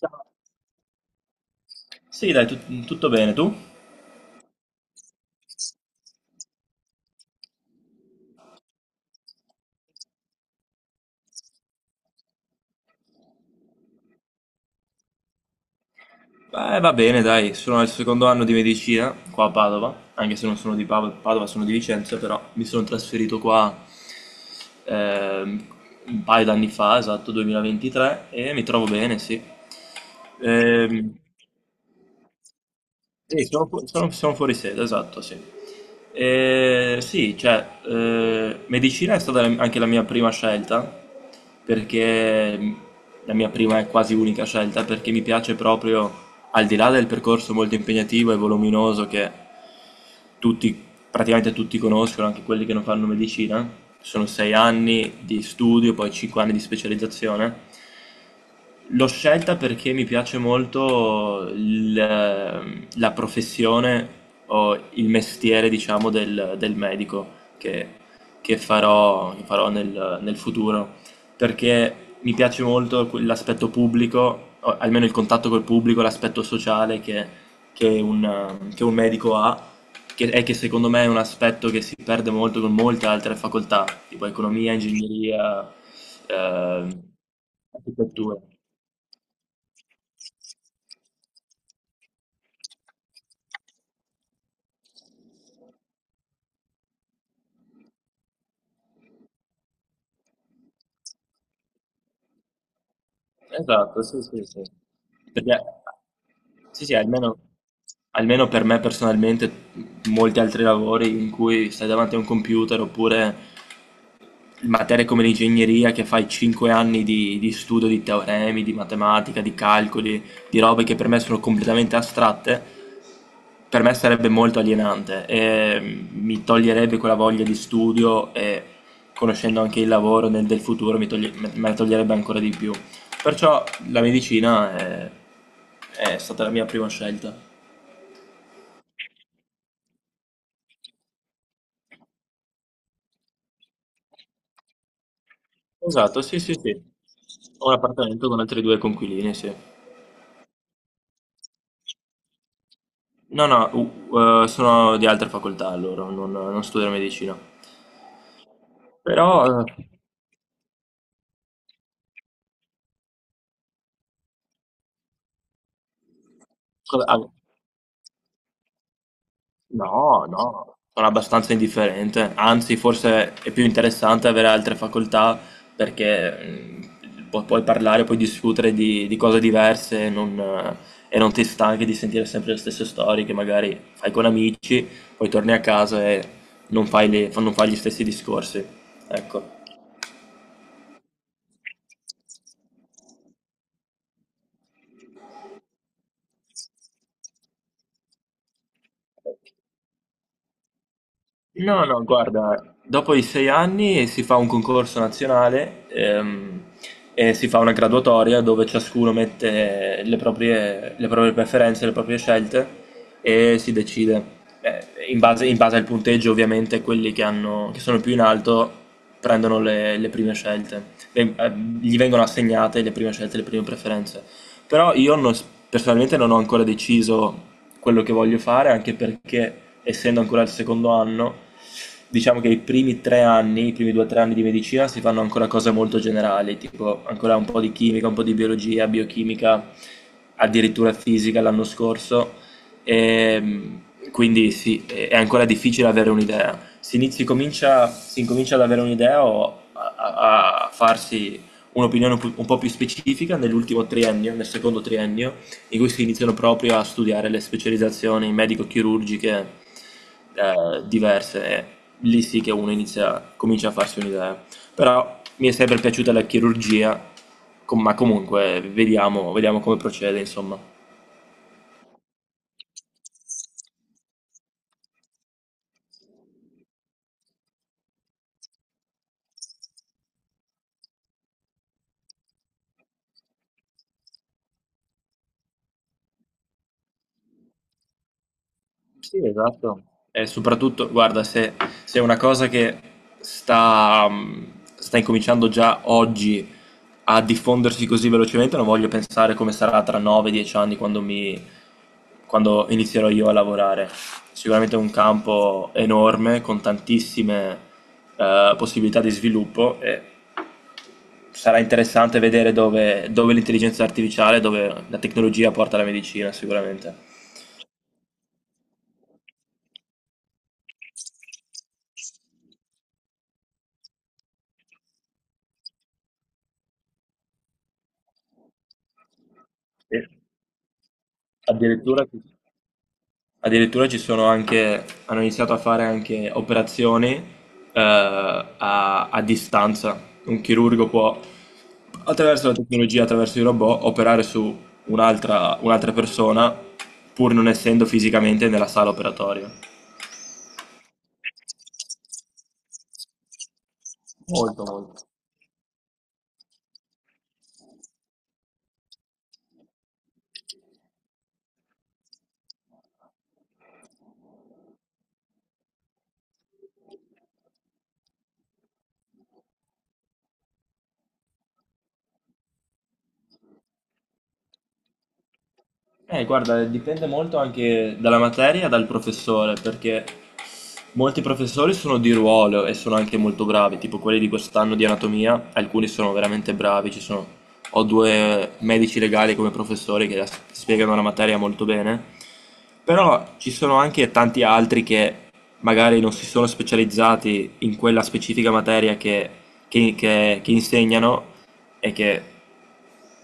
Ciao. Sì, dai, tutto bene, tu? Beh, va bene, dai, sono al secondo anno di medicina qua a Padova, anche se non sono di Padova, sono di Vicenza, però mi sono trasferito qua ehm, un paio d'anni fa, esatto, 2023, e mi trovo bene, sì. Ehm, Sì, sono fuori sede, esatto, sì. Sì, cioè, medicina è stata anche la mia prima scelta, perché la mia prima e quasi unica scelta, perché mi piace proprio, al di là del percorso molto impegnativo e voluminoso che tutti, praticamente tutti conoscono, anche quelli che non fanno medicina, sono 6 anni di studio, poi 5 anni di specializzazione. L'ho scelta perché mi piace molto la professione o il mestiere, diciamo, del medico che, che farò nel futuro, perché mi piace molto l'aspetto pubblico, o almeno il contatto col pubblico, l'aspetto sociale che un, che un medico ha, e che secondo me è un aspetto che si perde molto con molte altre facoltà, tipo economia, ingegneria, eh, architettura. Esatto, sì, sì, sì. Perché, sì, sì, almeno, per me personalmente, molti altri lavori in cui stai davanti a un computer oppure materie come l'ingegneria che fai 5 anni di studio di teoremi, di matematica, di calcoli, di robe che per me sono completamente astratte, per me sarebbe molto alienante e mi toglierebbe quella voglia di studio e conoscendo anche il lavoro del futuro mi toglie- me me la toglierebbe ancora di più. Perciò la medicina è stata la mia prima scelta. Esatto, sì, sì, sì. Ho un appartamento con altri due coinquilini, sì. No, no, sono di altre facoltà loro, non studiano medicina. Però, scusa, no, no, sono abbastanza indifferente. Anzi, forse è più interessante avere altre facoltà perché puoi parlare, puoi discutere di cose diverse e non ti stanchi di sentire sempre le stesse storie che magari fai con amici, poi torni a casa e non fai gli stessi discorsi. Ecco. No, no, guarda, dopo i 6 anni si fa un concorso nazionale e si fa una graduatoria dove ciascuno mette le proprie preferenze, le proprie scelte e si decide. In base al punteggio, ovviamente, quelli che hanno, che sono più in alto prendono le prime scelte. Ven- eh, Gli vengono assegnate le prime scelte, le prime preferenze. Però io non s- personalmente non ho ancora deciso quello che voglio fare, anche perché essendo ancora al secondo anno, diciamo che i primi 3 anni, i primi 2 o 3 anni di medicina si fanno ancora cose molto generali, tipo ancora un po' di chimica, un po' di biologia, biochimica, addirittura fisica l'anno scorso. E, quindi sì, è ancora difficile avere un'idea. Si incomincia ad avere un'idea o a farsi un'opinione un po' più specifica nell'ultimo triennio, nel secondo triennio, in cui si iniziano proprio a studiare le specializzazioni medico-chirurgiche diverse, e lì sì che uno inizia, comincia a farsi un'idea. Però mi è sempre piaciuta la chirurgia, ma comunque vediamo, vediamo come procede, insomma. Sì, esatto. E soprattutto, guarda, se è una cosa che sta incominciando già oggi a diffondersi così velocemente, non voglio pensare come sarà tra 9-10 anni quando inizierò io a lavorare. Sicuramente è un campo enorme, con tantissime, possibilità di sviluppo e sarà interessante vedere dove l'intelligenza artificiale, dove la tecnologia porta la medicina, sicuramente. E addirittura... sì. Addirittura ci sono anche, hanno iniziato a fare anche operazioni a distanza. Un chirurgo può, attraverso la tecnologia, attraverso i robot, operare su un'altra persona pur non essendo fisicamente nella sala operatoria. Molto, molto. Guarda, dipende molto anche dalla materia e dal professore, perché molti professori sono di ruolo e sono anche molto bravi, tipo quelli di quest'anno di anatomia, alcuni sono veramente bravi, ho due medici legali come professori che spiegano la materia molto bene, però ci sono anche tanti altri che magari non si sono specializzati in quella specifica materia che insegnano e che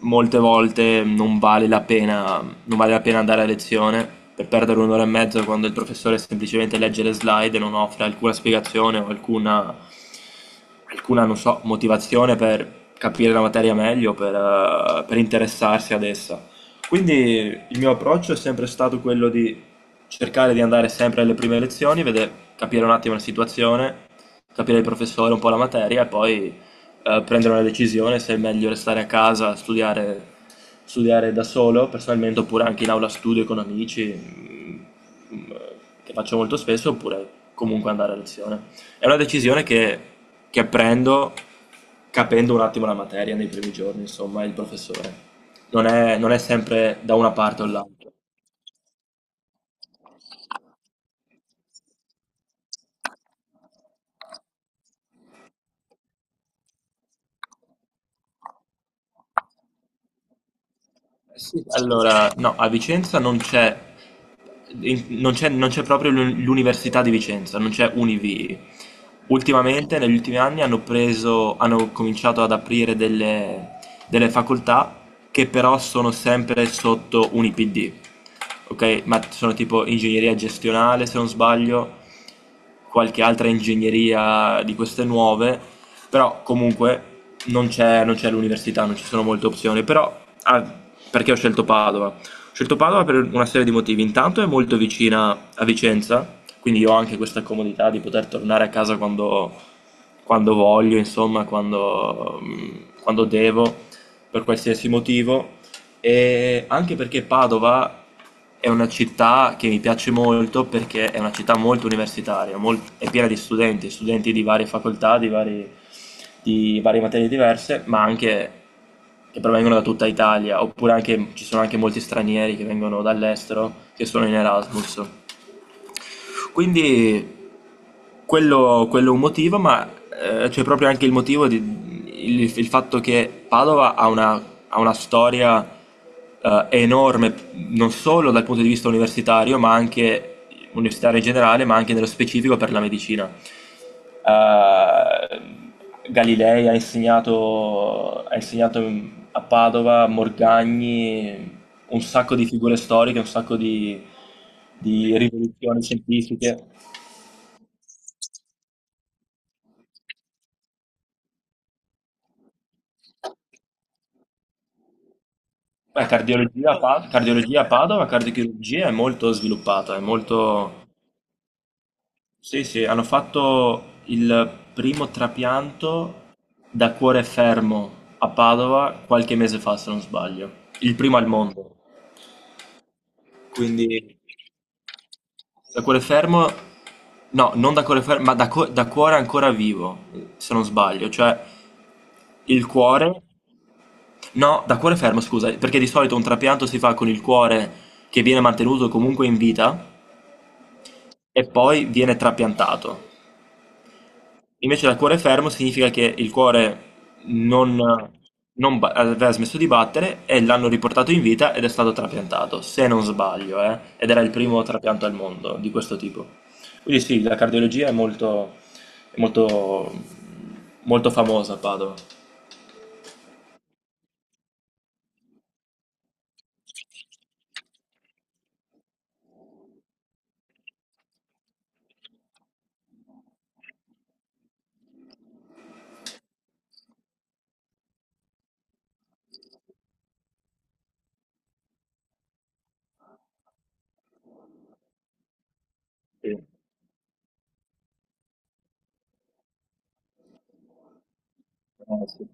molte volte non vale la pena, non vale la pena andare a lezione per perdere un'ora e mezza quando il professore semplicemente legge le slide e non offre alcuna spiegazione o alcuna, non so, motivazione per capire la materia meglio, per interessarsi ad essa. Quindi il mio approccio è sempre stato quello di cercare di andare sempre alle prime lezioni, vedere, capire un attimo la situazione, capire il professore, un po' la materia e poi prendere una decisione se è meglio restare a casa, studiare, studiare da solo personalmente, oppure anche in aula studio con amici, che faccio molto spesso, oppure comunque andare a lezione. È una decisione che prendo capendo un attimo la materia nei primi giorni, insomma, il professore. Non è sempre da una parte o dall'altra. Sì. Allora, no, a Vicenza non c'è in- non c'è non c'è proprio l'Università di Vicenza, non c'è Univi. Ultimamente, negli ultimi anni, hanno preso, hanno cominciato ad aprire delle facoltà che però sono sempre sotto UniPD, ok? Ma sono tipo ingegneria gestionale, se non sbaglio, qualche altra ingegneria di queste nuove, però comunque non c'è l'università, non ci sono molte opzioni, però perché ho scelto Padova? Ho scelto Padova per una serie di motivi. Intanto è molto vicina a Vicenza, quindi io ho anche questa comodità di poter tornare a casa quando voglio, insomma, quando devo, per qualsiasi motivo. E anche perché Padova è una città che mi piace molto perché è una città molto universitaria, è piena di studenti, studenti di varie facoltà, di varie materie diverse, ma anche che provengono da tutta Italia, oppure anche, ci sono anche molti stranieri che vengono dall'estero, che sono in Erasmus. Quindi quello è un motivo, ma, c'è proprio anche il motivo di il fatto che Padova ha una storia, enorme, non solo dal punto di vista universitario, ma anche universitario in generale, ma anche nello specifico per la medicina. Ehm, Galilei ha insegnato, a Padova, Morgagni, un sacco di figure storiche, un sacco di rivoluzioni scientifiche. Beh, cardiologia a Padova, cardiochirurgia è molto sviluppata, è molto... Sì, sì, hanno fatto il primo trapianto da cuore fermo a Padova qualche mese fa, se non sbaglio. Il primo al mondo. Quindi da cuore fermo... No, non da cuore fermo, ma da cuore ancora vivo, se non sbaglio. Cioè, il cuore... No, da cuore fermo, scusa, perché di solito un trapianto si fa con il cuore che viene mantenuto comunque in vita e poi viene trapiantato. Invece dal cuore fermo significa che il cuore non, non ba- aveva smesso di battere e l'hanno riportato in vita ed è stato trapiantato, se non sbaglio, ed era il primo trapianto al mondo di questo tipo. Quindi sì, la cardiologia è molto, è molto, molto famosa a Padova. Sì. Eh sì.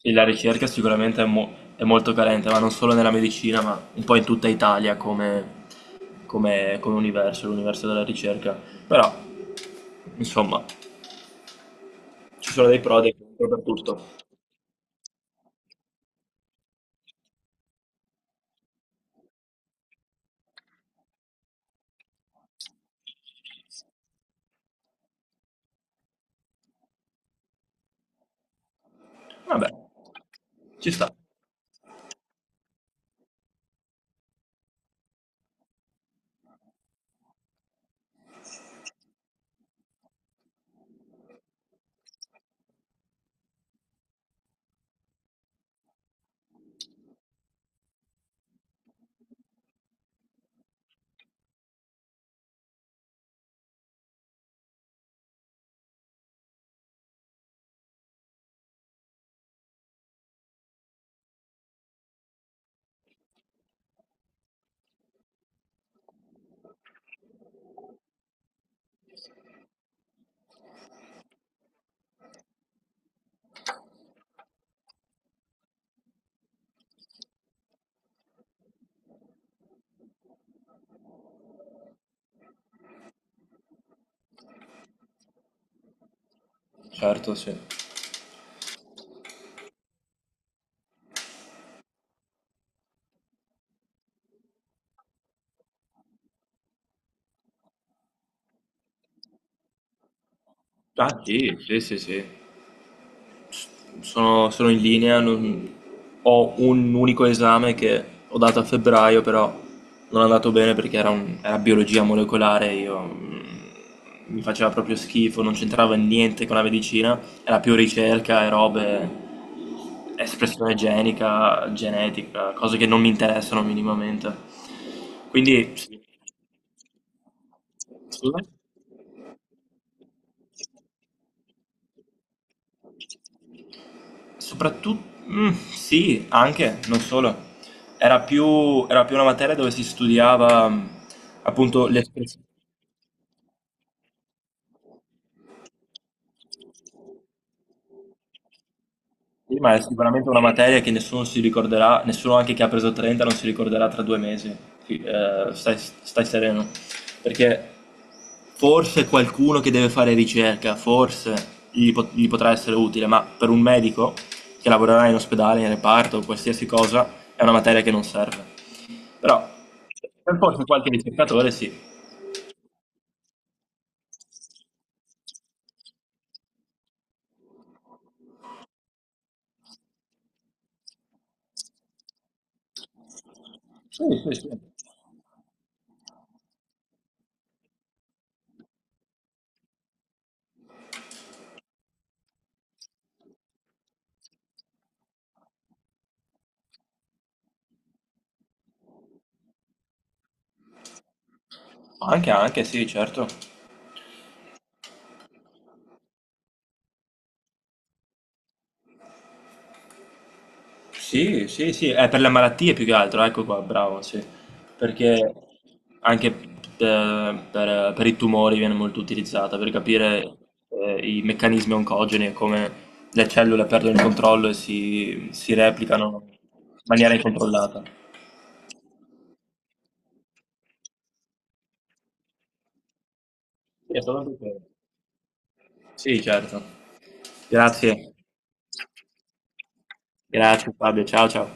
E la ricerca sicuramente è molto carente, ma non solo nella medicina, ma un po' in tutta Italia come universo, l'universo della ricerca. Però, insomma, ci sono dei pro e dei contro per tutto. Vabbè, ci sta. Certo, sì. Ah, sì, sì, sì, sì. Sono in linea, ho un unico esame che ho dato a febbraio, però non è andato bene perché era biologia molecolare, io mi faceva proprio schifo, non c'entrava niente con la medicina, era più ricerca e robe, espressione genica, genetica, cose che non mi interessano minimamente. Quindi, sì, scusa? Soprattutto, sì, anche, non solo. Era più una materia dove si studiava appunto l'espressione, ma è sicuramente una materia che nessuno si ricorderà, nessuno anche che ha preso 30 non si ricorderà tra 2 mesi. Stai sereno, perché forse qualcuno che deve fare ricerca, forse gli potrà essere utile, ma per un medico che lavorerà in ospedale, in reparto, qualsiasi cosa, è una materia che non serve. Però per forse qualche ricercatore sì. Sì, sì, sì. Anche, anche sì, certo. Sì, sì, sì, è per le malattie più che altro, ecco qua, bravo, sì. Perché anche per i tumori viene molto utilizzata per capire i meccanismi oncogeni e come le cellule perdono il controllo e si replicano in maniera incontrollata. Sì, è solo perché- Sì, certo. Grazie. Grazie Fabio, ciao ciao.